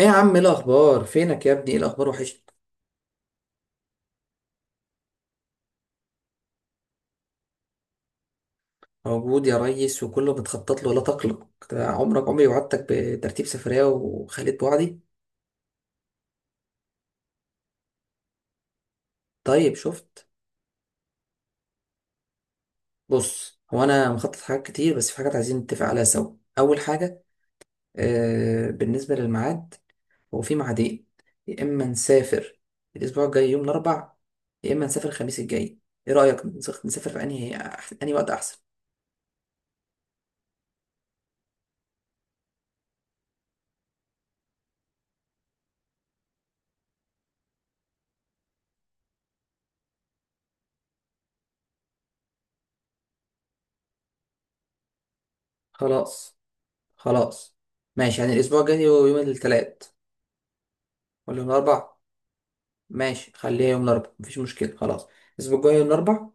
ايه يا عم، ايه الاخبار؟ فينك يا ابني؟ ايه الاخبار؟ وحشني. موجود يا ريس وكله متخطط له ولا تقلق، ده عمرك عمري، وعدتك بترتيب سفرية وخليت وعدي. طيب شفت. بص، هو انا مخطط حاجات كتير بس في حاجات عايزين نتفق عليها سوا. اول حاجة آه بالنسبة للميعاد، هو في ميعادين، يا اما نسافر الاسبوع الجاي يوم الاربع، يا اما نسافر الخميس الجاي. ايه رأيك نسافر في انهي وقت احسن؟ خلاص، خلاص، ماشي، يعني الاسبوع الجاي هو يوم الثلاث ولا يوم الاربع؟ ماشي، خليها يوم الاربعاء، مفيش مشكله، خلاص. الاسبوع الجاي يوم الاربعاء.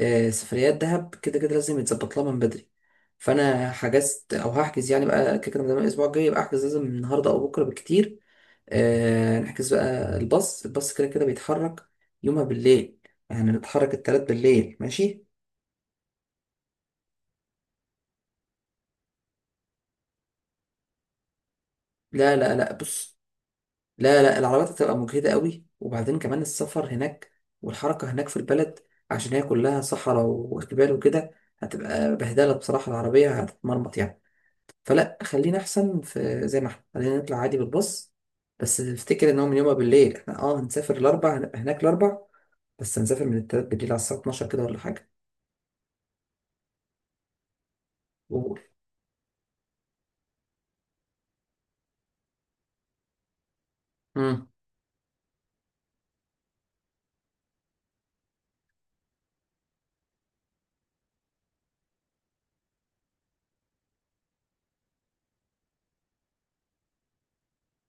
آه، سفريات دهب كده كده لازم يتظبط لها من بدري، فانا حجزت او هحجز يعني بقى، كده كده من الاسبوع الجاي يبقى احجز، لازم من النهارده او بكره بالكتير. آه، نحجز بقى الباص كده كده بيتحرك يومها بالليل، يعني نتحرك التلات بالليل ماشي. لا لا لا، بص، لا لا، العربيات هتبقى مجهدة قوي، وبعدين كمان السفر هناك والحركة هناك في البلد، عشان هي كلها صحراء وجبال وكده، هتبقى بهدلة بصراحة، العربية هتتمرمط يعني. فلا، خلينا أحسن، في زي ما احنا، خلينا نطلع عادي بالباص. بس افتكر إن هو من يومها بالليل احنا، هنسافر الأربع، هنبقى هناك الأربع، بس هنسافر من التلات بالليل على الساعة 12 كده ولا حاجة. قول. مم.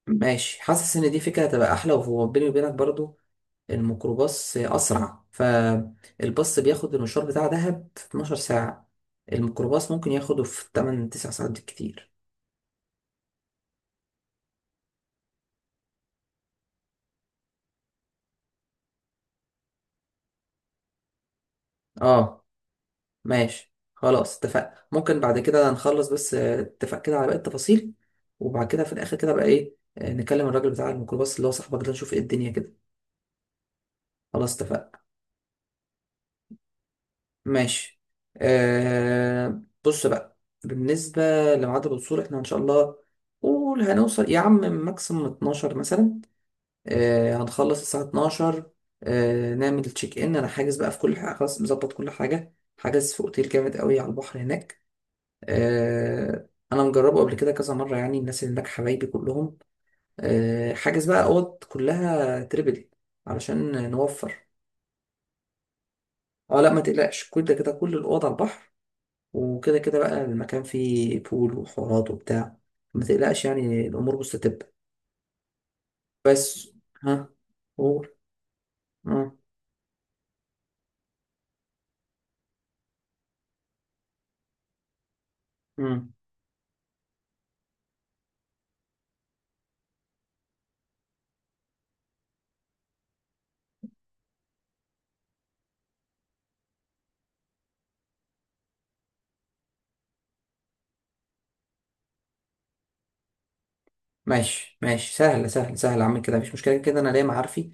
ماشي. حاسس إن دي فكرة هتبقى أحلى، وهو بيني وبينك برضو الميكروباص أسرع، فالباص بياخد المشوار بتاع دهب في 12 ساعة، الميكروباص ممكن ياخده في 8 9 ساعات بالكتير. اه، ماشي خلاص، اتفقنا. ممكن بعد كده نخلص بس اتفق كده على باقي التفاصيل، وبعد كده في الآخر كده بقى إيه، نكلم الراجل بتاع الميكروباص اللي هو صاحبك ده، نشوف إيه الدنيا كده. خلاص اتفقنا. ماشي. آه، بص بقى، بالنسبة لميعاد الوصول، احنا إن شاء الله قول هنوصل يا عم ماكسيموم 12 مثلا، هنخلص الساعة 12. نعمل تشيك ان انا حاجز بقى في كل حاجة، خلاص مظبط كل حاجة، حاجز في اوتيل جامد قوي على البحر هناك، انا مجربه قبل كده كذا مرة، يعني الناس اللي هناك حبايبي كلهم. حاجز بقى اوض كلها تريبل علشان نوفر. اه لا، ما تقلقش، كل ده كده، كل الاوض على البحر، وكده كده بقى المكان فيه بول وحورات وبتاع، ما تقلقش يعني، الامور مستتبة. بس. ها، قول. اه. مم. ماشي ماشي، سهل سهل سهل، اعمل كده، مفيش مشكله كده، انا ليا معارفي.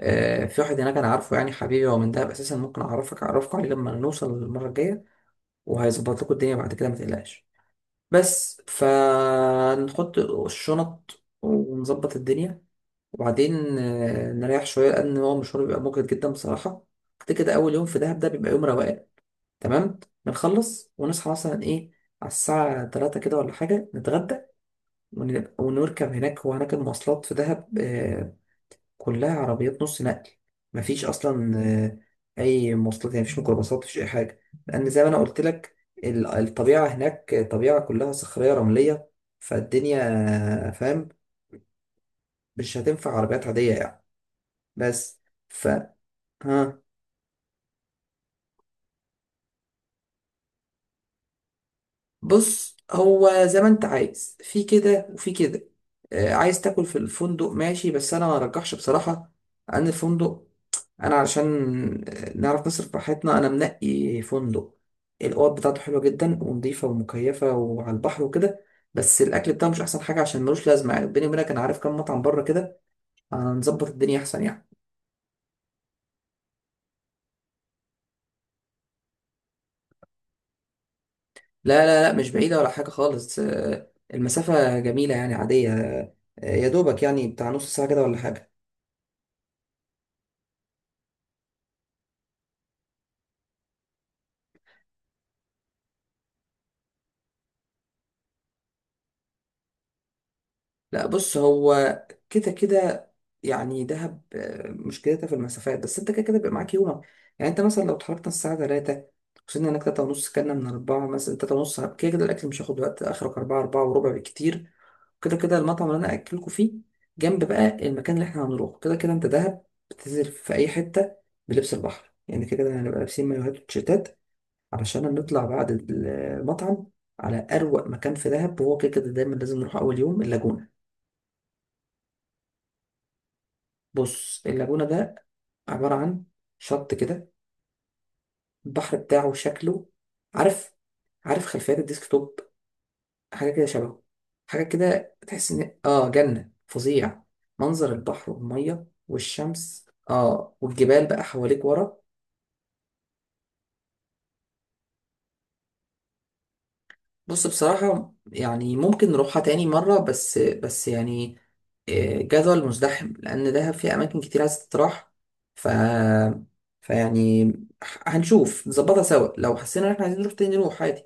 آه، في واحد هناك انا عارفه، يعني حبيبي هو من دهب اساسا، ممكن اعرفك عليه لما نوصل المره الجايه، وهيظبط لكم الدنيا بعد كده، ما تقلقش. بس فنحط الشنط ونظبط الدنيا، وبعدين آه نريح شويه، لان هو مشوار بيبقى مجهد جدا بصراحه، كده كده اول يوم في دهب ده بيبقى يوم روقان، تمام. بنخلص ونصحى مثلا ايه على الساعه 3 كده ولا حاجه، نتغدى ونركب هناك. هو هناك المواصلات في دهب كلها عربيات نص نقل، مفيش أصلا أي مواصلات، يعني مفيش ميكروباصات، مفيش أي حاجة، لأن زي ما أنا قلت لك الطبيعة هناك طبيعة كلها صخرية رملية، فالدنيا فاهم، مش هتنفع عربيات عادية يعني. بس. ف. ها. بص، هو زي ما انت عايز، في كده وفي كده، عايز تاكل في الفندق ماشي، بس انا ما ارجحش بصراحة ان الفندق، انا علشان نعرف نصرف براحتنا، انا منقي فندق الاوض بتاعته حلوة جدا ونضيفة ومكيفة وعلى البحر وكده، بس الاكل بتاعه مش احسن حاجة، عشان ملوش لازمة، يعني بيني وبينك انا عارف كام مطعم بره كده، هنظبط الدنيا احسن يعني. لا لا لا، مش بعيدة ولا حاجة خالص، المسافة جميلة يعني، عادية، يا دوبك يعني بتاع نص ساعة كده ولا حاجة. لا بص، هو كده كده، يعني دهب مشكلتها في المسافات، بس انت كده كده بيبقى معاك يومك. يعني انت مثلا لو اتحركنا الساعة 3، وصلنا هناك 3 ونص، كنا من 4 مثلا، 3 ونص، كده كده الأكل مش هياخد وقت، آخرك 4 وربع بالكتير، كده كده المطعم اللي أنا أكلكوا فيه جنب بقى المكان اللي احنا هنروحه، كده كده انت دهب بتنزل في أي حتة بلبس البحر، يعني كده كده هنبقى لابسين مايوهات وتيشيرتات، علشان نطلع بعد المطعم على أروق مكان في دهب، وهو كده كده دايما لازم نروح أول يوم اللاجونة. بص، اللاجونة ده عبارة عن شط كده، البحر بتاعه شكله، عارف، عارف خلفيات الديسكتوب؟ حاجة كده شبهه، حاجة كده تحس إن آه، جنة فظيع، منظر البحر والمية والشمس، آه، والجبال بقى حواليك ورا. بص، بصراحة يعني ممكن نروحها تاني مرة، بس بس يعني جدول مزدحم، لأن دهب فيه أماكن كتير عايز تتراح. ف. فيعني هنشوف نظبطها سوا، لو حسينا إن إحنا عايزين نروح تاني نروح عادي.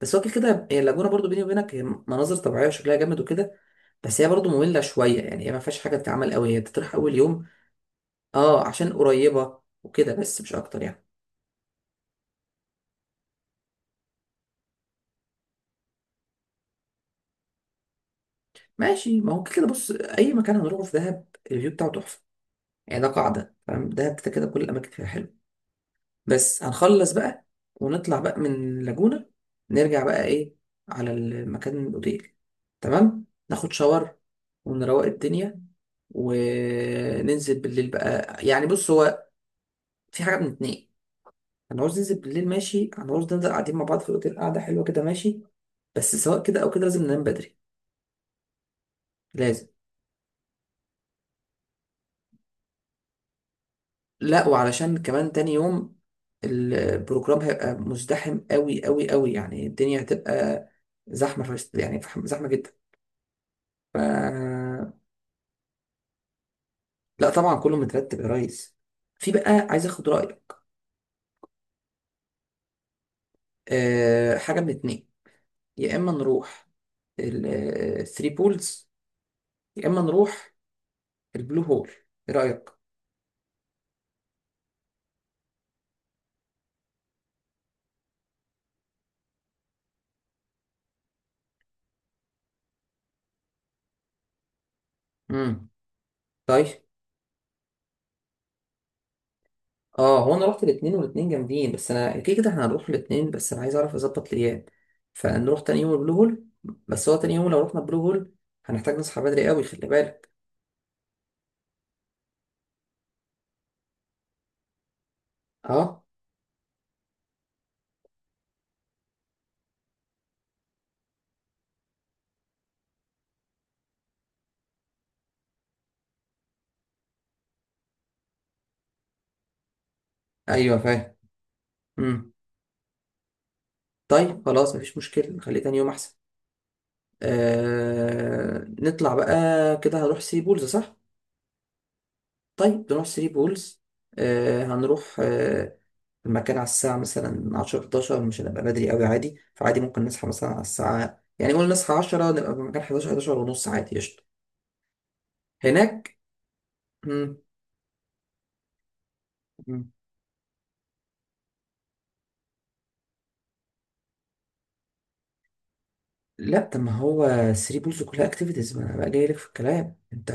بس هو كده كده هي اللاجونة، برضو بيني وبينك هي مناظر طبيعية وشكلها جامد وكده، بس هي برضو مملة شوية، يعني هي ما فيهاش حاجة تتعمل قوي، هي تتراح أول يوم. أه عشان قريبة وكده، بس مش أكتر يعني. ماشي، ما هو كده كده. بص، أي مكان هنروحه في دهب الفيو بتاعه تحفة، يعني ده قاعدة، فاهم، دهب كده كده كل الأماكن فيها حلوة. بس هنخلص بقى، ونطلع بقى من لاجونا، نرجع بقى ايه على المكان الاوتيل، تمام، ناخد شاور ونروق الدنيا، وننزل بالليل بقى. يعني بص، هو في حاجة من اتنين، هنعوز ننزل بالليل ماشي، هنعوز ننزل قاعدين مع بعض في الأوتيل قعدة حلوة كده ماشي، بس سواء كده أو كده، لازم ننام بدري. لازم. لا، وعلشان كمان تاني يوم البروجرام هيبقى مزدحم قوي قوي قوي، يعني الدنيا هتبقى زحمة فشت، يعني زحمة جدا. ف... لا طبعا، كله مترتب يا ريس. في بقى عايز اخد رايك، أه، حاجه من اتنين، يا اما نروح الثري بولز، يا اما نروح البلو هول، ايه رايك؟ امم، طيب. اه، هو انا رحت الاتنين، والاتنين جامدين، بس انا كده كده احنا هنروح الاتنين، بس انا عايز اعرف اظبط الايام، فنروح تاني يوم البلو هول، بس هو تاني يوم لو رحنا البلو هول هنحتاج نصحى بدري قوي، خلي بالك. اه. ايوه فاهم. امم، طيب خلاص مفيش مشكله، نخليه تاني يوم احسن. آه نطلع بقى، كده هنروح ثري بولز صح؟ طيب نروح ثري بولز. آه، هنروح آه، المكان على الساعة مثلا عشرة حداشر، مش هنبقى بدري أوي عادي، فعادي ممكن نصحى مثلا على الساعة، يعني قول نصحى عشرة، نبقى في مكان حداشر، حداشر ونص عادي قشطة. هناك. مم. مم. لا طب، ما هو ثري بولز كلها اكتيفيتيز، ما انا بقى جاي لك في الكلام انت.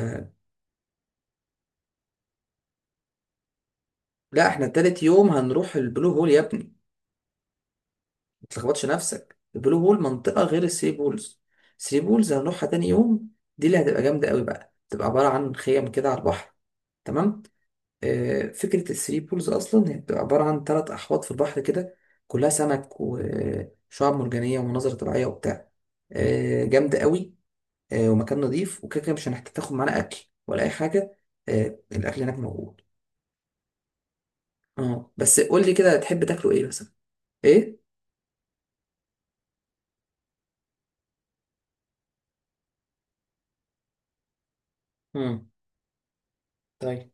لا، احنا تالت يوم هنروح البلو هول يا ابني، ما تلخبطش نفسك، البلو هول منطقة غير الثري بولز، الثري بولز هنروحها تاني يوم، دي اللي هتبقى جامدة قوي بقى، تبقى عبارة عن خيم كده على البحر، تمام. آه، فكرة الثري بولز أصلا هي بتبقى عبارة عن تلات أحواض في البحر كده، كلها سمك وشعاب مرجانية ومناظر طبيعية وبتاع، آه جامدة قوي. آه، ومكان نظيف، وكده كده مش هنحتاج تاخد معانا أكل ولا أي حاجة، آه الأكل هناك موجود. اه بس قول لي كده تحب تاكله إيه مثلا؟ إيه؟ مم. طيب،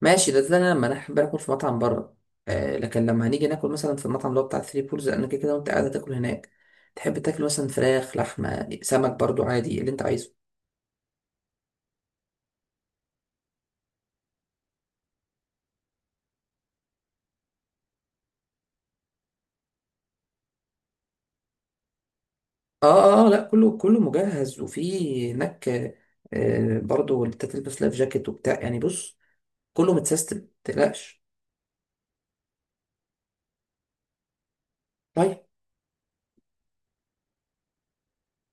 ماشي. ده لما انا احب ناكل في مطعم بره، آه، لكن لما هنيجي ناكل مثلا في المطعم اللي هو بتاع ثري بولز، لان كده كده وانت قاعد تاكل هناك، تحب تاكل مثلا فراخ لحمه سمك، برضو عادي اللي انت عايزه. اه اه لا، كله مجهز، وفي هناك آه، برضو انت تلبس لايف جاكيت وبتاع، يعني بص كله متسيستم، متقلقش. طيب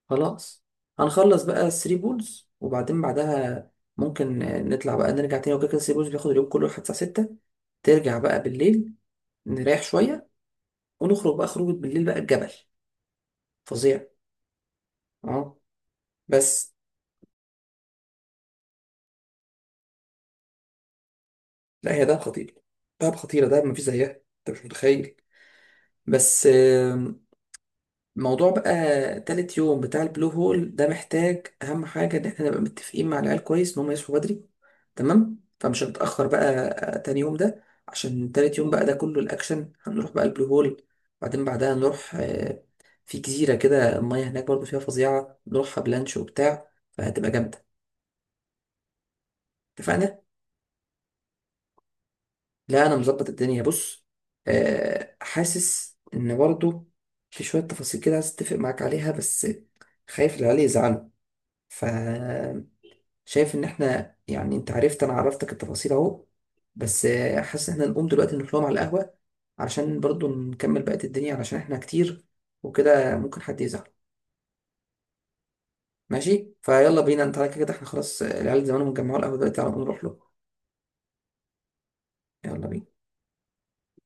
خلاص، هنخلص بقى الثري بولز وبعدين بعدها ممكن نطلع بقى نرجع تاني، وكده كده الثري بولز بياخد اليوم كله لحد الساعه 6، ترجع بقى بالليل، نريح شويه، ونخرج بقى خروجة بالليل بقى، الجبل فظيع. اه بس. لا، هي دهب خطير، دهب خطيرة، دهب مفيش زيها، انت مش متخيل. بس موضوع بقى تالت يوم بتاع البلو هول ده، محتاج أهم حاجة إن احنا نبقى متفقين مع العيال كويس إن هم يصحوا بدري، تمام، فمش هنتأخر بقى، تاني يوم ده عشان تالت يوم بقى ده كله الأكشن، هنروح بقى البلو هول، بعدين بعدها نروح في جزيرة كده المية هناك برضه فيها فظيعة، نروحها بلانش وبتاع، فهتبقى جامدة. اتفقنا؟ لا انا مظبط الدنيا بص. آه، حاسس ان برضو في شويه تفاصيل كده عايز اتفق معاك عليها، بس خايف العيال يزعلوا، فشايف ان احنا يعني، انت عرفت، انا عرفتك التفاصيل اهو، بس حاسس ان احنا نقوم دلوقتي نروح لهم على القهوه، علشان برضو نكمل بقيه الدنيا، علشان احنا كتير وكده ممكن حد يزعل. ماشي، فيلا بينا، انت على كده احنا خلاص، العيال زمانهم جمعوا القهوه دلوقتي، على طول نروح له. يلا بينا.